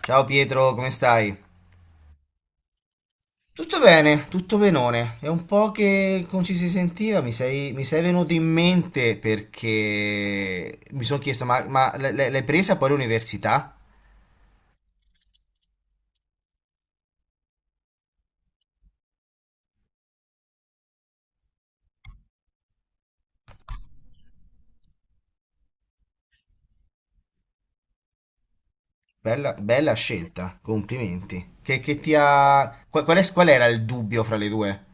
Ciao, Pietro, come stai? Tutto bene, tutto benone. È un po' che non ci si sentiva. Mi sei venuto in mente perché mi sono chiesto, l'hai presa poi l'università? Bella scelta, complimenti. Che ti ha. Qual era il dubbio fra le due?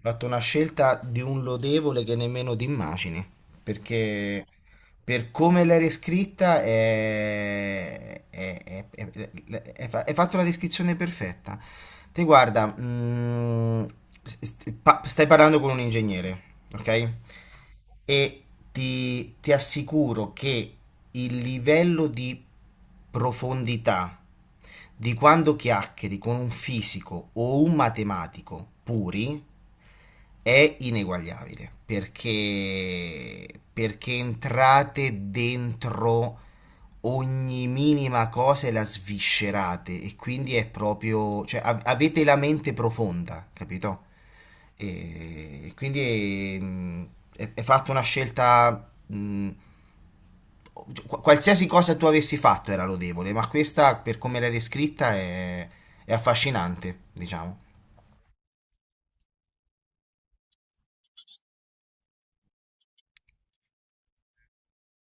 Fatto una scelta di un lodevole che nemmeno ti immagini, perché per come l'hai riscritta hai fatto la descrizione perfetta. Te guarda, stai parlando con un ingegnere, ok? E ti assicuro che il livello di profondità di quando chiacchieri con un fisico o un matematico puri è ineguagliabile, perché entrate dentro ogni minima cosa e la sviscerate, e quindi è proprio, cioè avete la mente profonda, capito? E quindi, è fatta una scelta. Qualsiasi cosa tu avessi fatto era lodevole, ma questa, per come l'hai descritta, è affascinante, diciamo.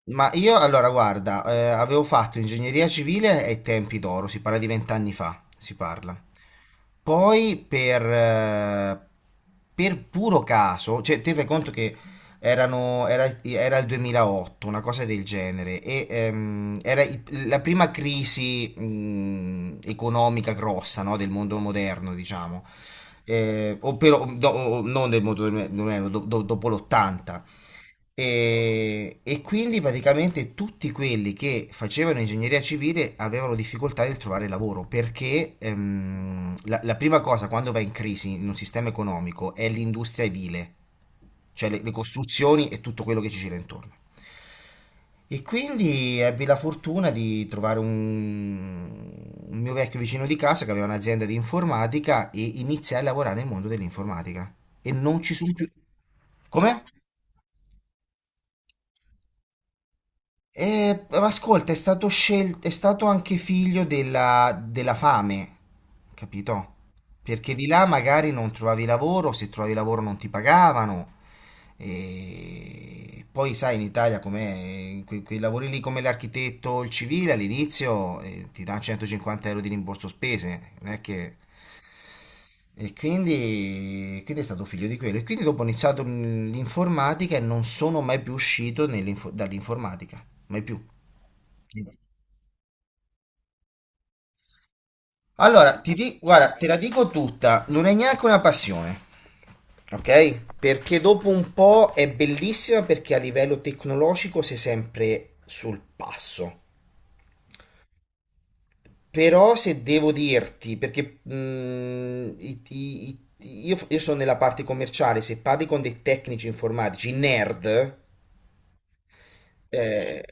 Ma io allora, guarda, avevo fatto ingegneria civile ai tempi d'oro, si parla di vent'anni fa, si parla. Poi per puro caso, cioè te fai conto che era il 2008, una cosa del genere. E era la prima crisi economica grossa, no, del mondo moderno, diciamo. O però, non del mondo moderno, dopo l'80. E quindi praticamente tutti quelli che facevano ingegneria civile avevano difficoltà nel trovare lavoro, perché la prima cosa quando va in crisi in un sistema economico è l'industria edile, cioè le costruzioni e tutto quello che ci gira intorno. E quindi ebbi la fortuna di trovare un mio vecchio vicino di casa che aveva un'azienda di informatica, e iniziai a lavorare nel mondo dell'informatica. E non ci sono più. Come? Ma ascolta, è stato scelto, è stato anche figlio della fame, capito? Perché di là magari non trovavi lavoro, se trovavi lavoro non ti pagavano. E poi sai, in Italia come quei lavori lì come l'architetto, o il civile all'inizio ti dà 150 euro di rimborso spese, non è che. E quindi, quindi è stato figlio di quello. E quindi dopo ho iniziato l'informatica e non sono mai più uscito dall'informatica, mai più. Sì. Allora, guarda, te la dico tutta, non è neanche una passione, ok? Perché dopo un po' è bellissima perché a livello tecnologico sei sempre sul passo. Però se devo dirti, perché io sono nella parte commerciale. Se parli con dei tecnici informatici, nerd, eh,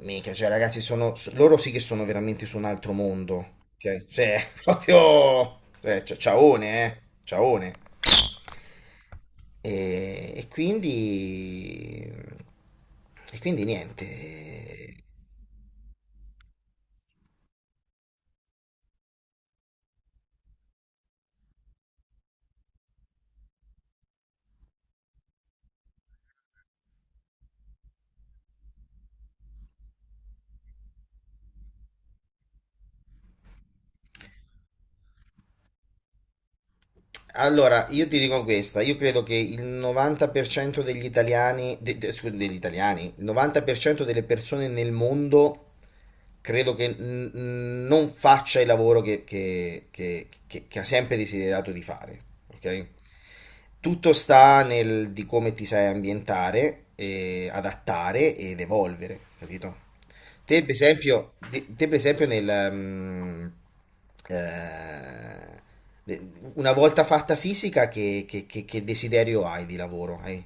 mica, cioè ragazzi, sono, loro sì che sono veramente su un altro mondo, ok? Cioè, proprio, cioè, ciaone, ciaone. E quindi niente. Allora, io ti dico questa, io credo che il 90% degli italiani, scusa, degli italiani, il 90% delle persone nel mondo credo che non faccia il lavoro che che ha sempre desiderato di fare, ok? Tutto sta nel di come ti sai ambientare, e adattare ed evolvere, capito? Te per esempio, per esempio nel, mm, eh, una volta fatta fisica, che che desiderio hai di lavoro? Hai?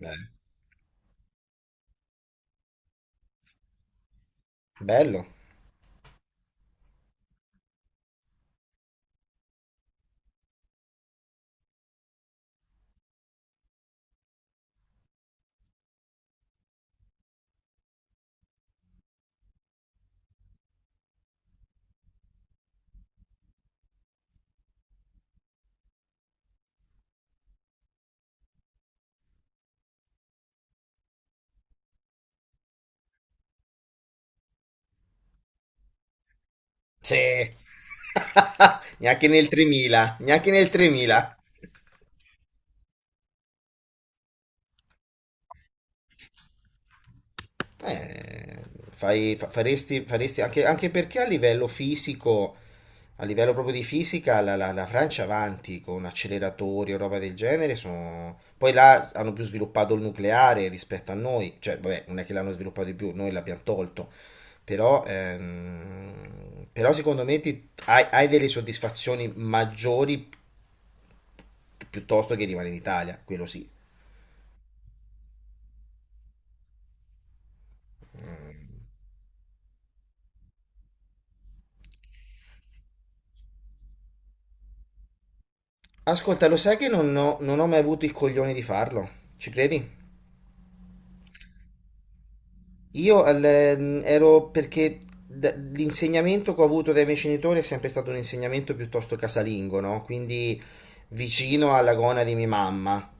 Beh. Bello? Sì. Neanche nel 3000, neanche nel 3000. Eh, Faresti, faresti anche, anche perché a livello fisico, a livello proprio di fisica, la Francia avanti con acceleratori o roba del genere. Poi là hanno più sviluppato il nucleare rispetto a noi, cioè vabbè, non è che l'hanno sviluppato di più, noi l'abbiamo tolto, però, però secondo me hai delle soddisfazioni maggiori, piuttosto che rimanere in Italia, quello sì. Ascolta, lo sai che non ho mai avuto il coglione di farlo? Ci credi? Io ero perché l'insegnamento che ho avuto dai miei genitori è sempre stato un insegnamento piuttosto casalingo, no? Quindi vicino alla gonna di mia mamma.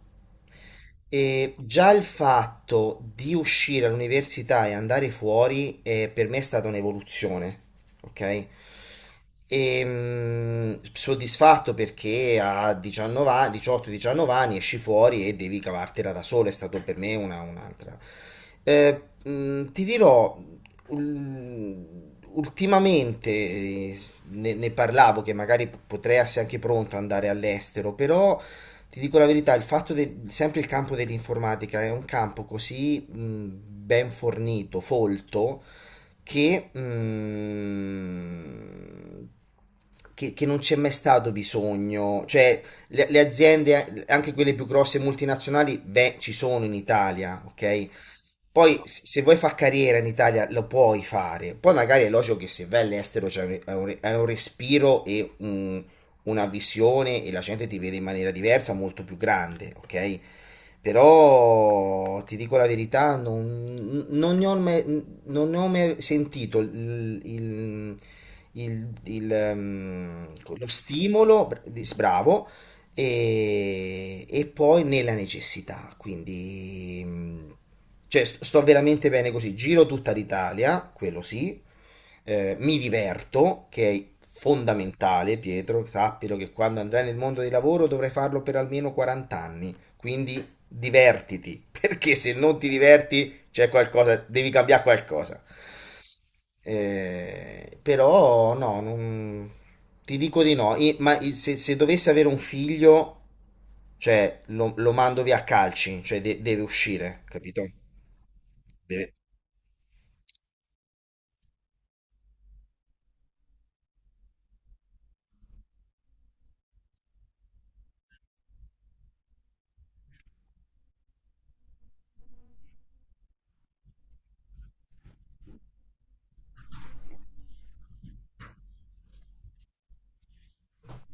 E già il fatto di uscire all'università e andare fuori, per me è stata un'evoluzione, ok? E, soddisfatto perché a 19 anni- 18-19 anni esci fuori e devi cavartela da solo, è stato per me una, un'altra. Ti dirò, ultimamente ne parlavo che magari potrei essere anche pronto ad andare all'estero, però ti dico la verità, il fatto del, sempre il campo dell'informatica è un campo così, ben fornito, folto, che, mm, che non c'è mai stato bisogno, cioè le aziende, anche quelle più grosse multinazionali, beh, ci sono in Italia, ok? Poi se se vuoi far carriera in Italia lo puoi fare, poi magari è logico che se vai all'estero c'è un, è un respiro, e una visione, e la gente ti vede in maniera diversa, molto più grande, ok? Però ti dico la verità, non ne ho mai, non ne ho mai sentito il lo stimolo, bravo, e poi nella necessità. Quindi, cioè, sto veramente bene così. Giro tutta l'Italia, quello sì, mi diverto, che è fondamentale, Pietro, sappilo che quando andrai nel mondo del lavoro dovrai farlo per almeno 40 anni. Quindi divertiti, perché se non ti diverti c'è qualcosa, devi cambiare qualcosa. Però no, non- Ti dico di no. Se dovessi avere un figlio, cioè lo mando via a calci, cioè deve uscire, capito? Deve.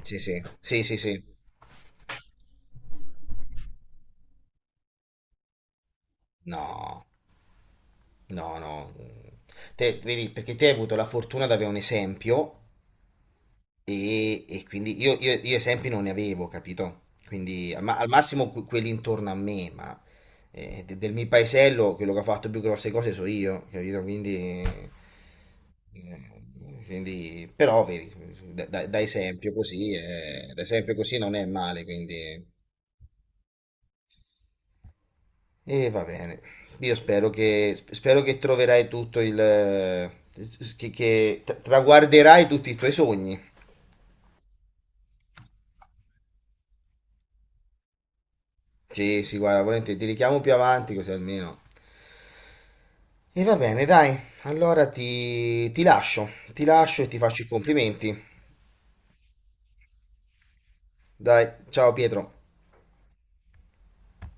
Sì, sì, sì, sì, sì. No, no, no. Te, vedi, perché te hai avuto la fortuna di avere un esempio. E quindi io, io esempi non ne avevo, capito? Quindi al, al massimo quelli intorno a me, ma del mio paesello quello che ha fatto più grosse cose so io, capito? Quindi, quindi però vedi, da esempio così non è male, quindi. E va bene, io spero che, spero che troverai tutto il, che traguarderai tutti i tuoi sogni. Sì, sì, guarda, volentieri, ti richiamo più avanti così almeno. E va bene, dai, allora ti lascio e ti faccio i complimenti. Dai, ciao Pietro.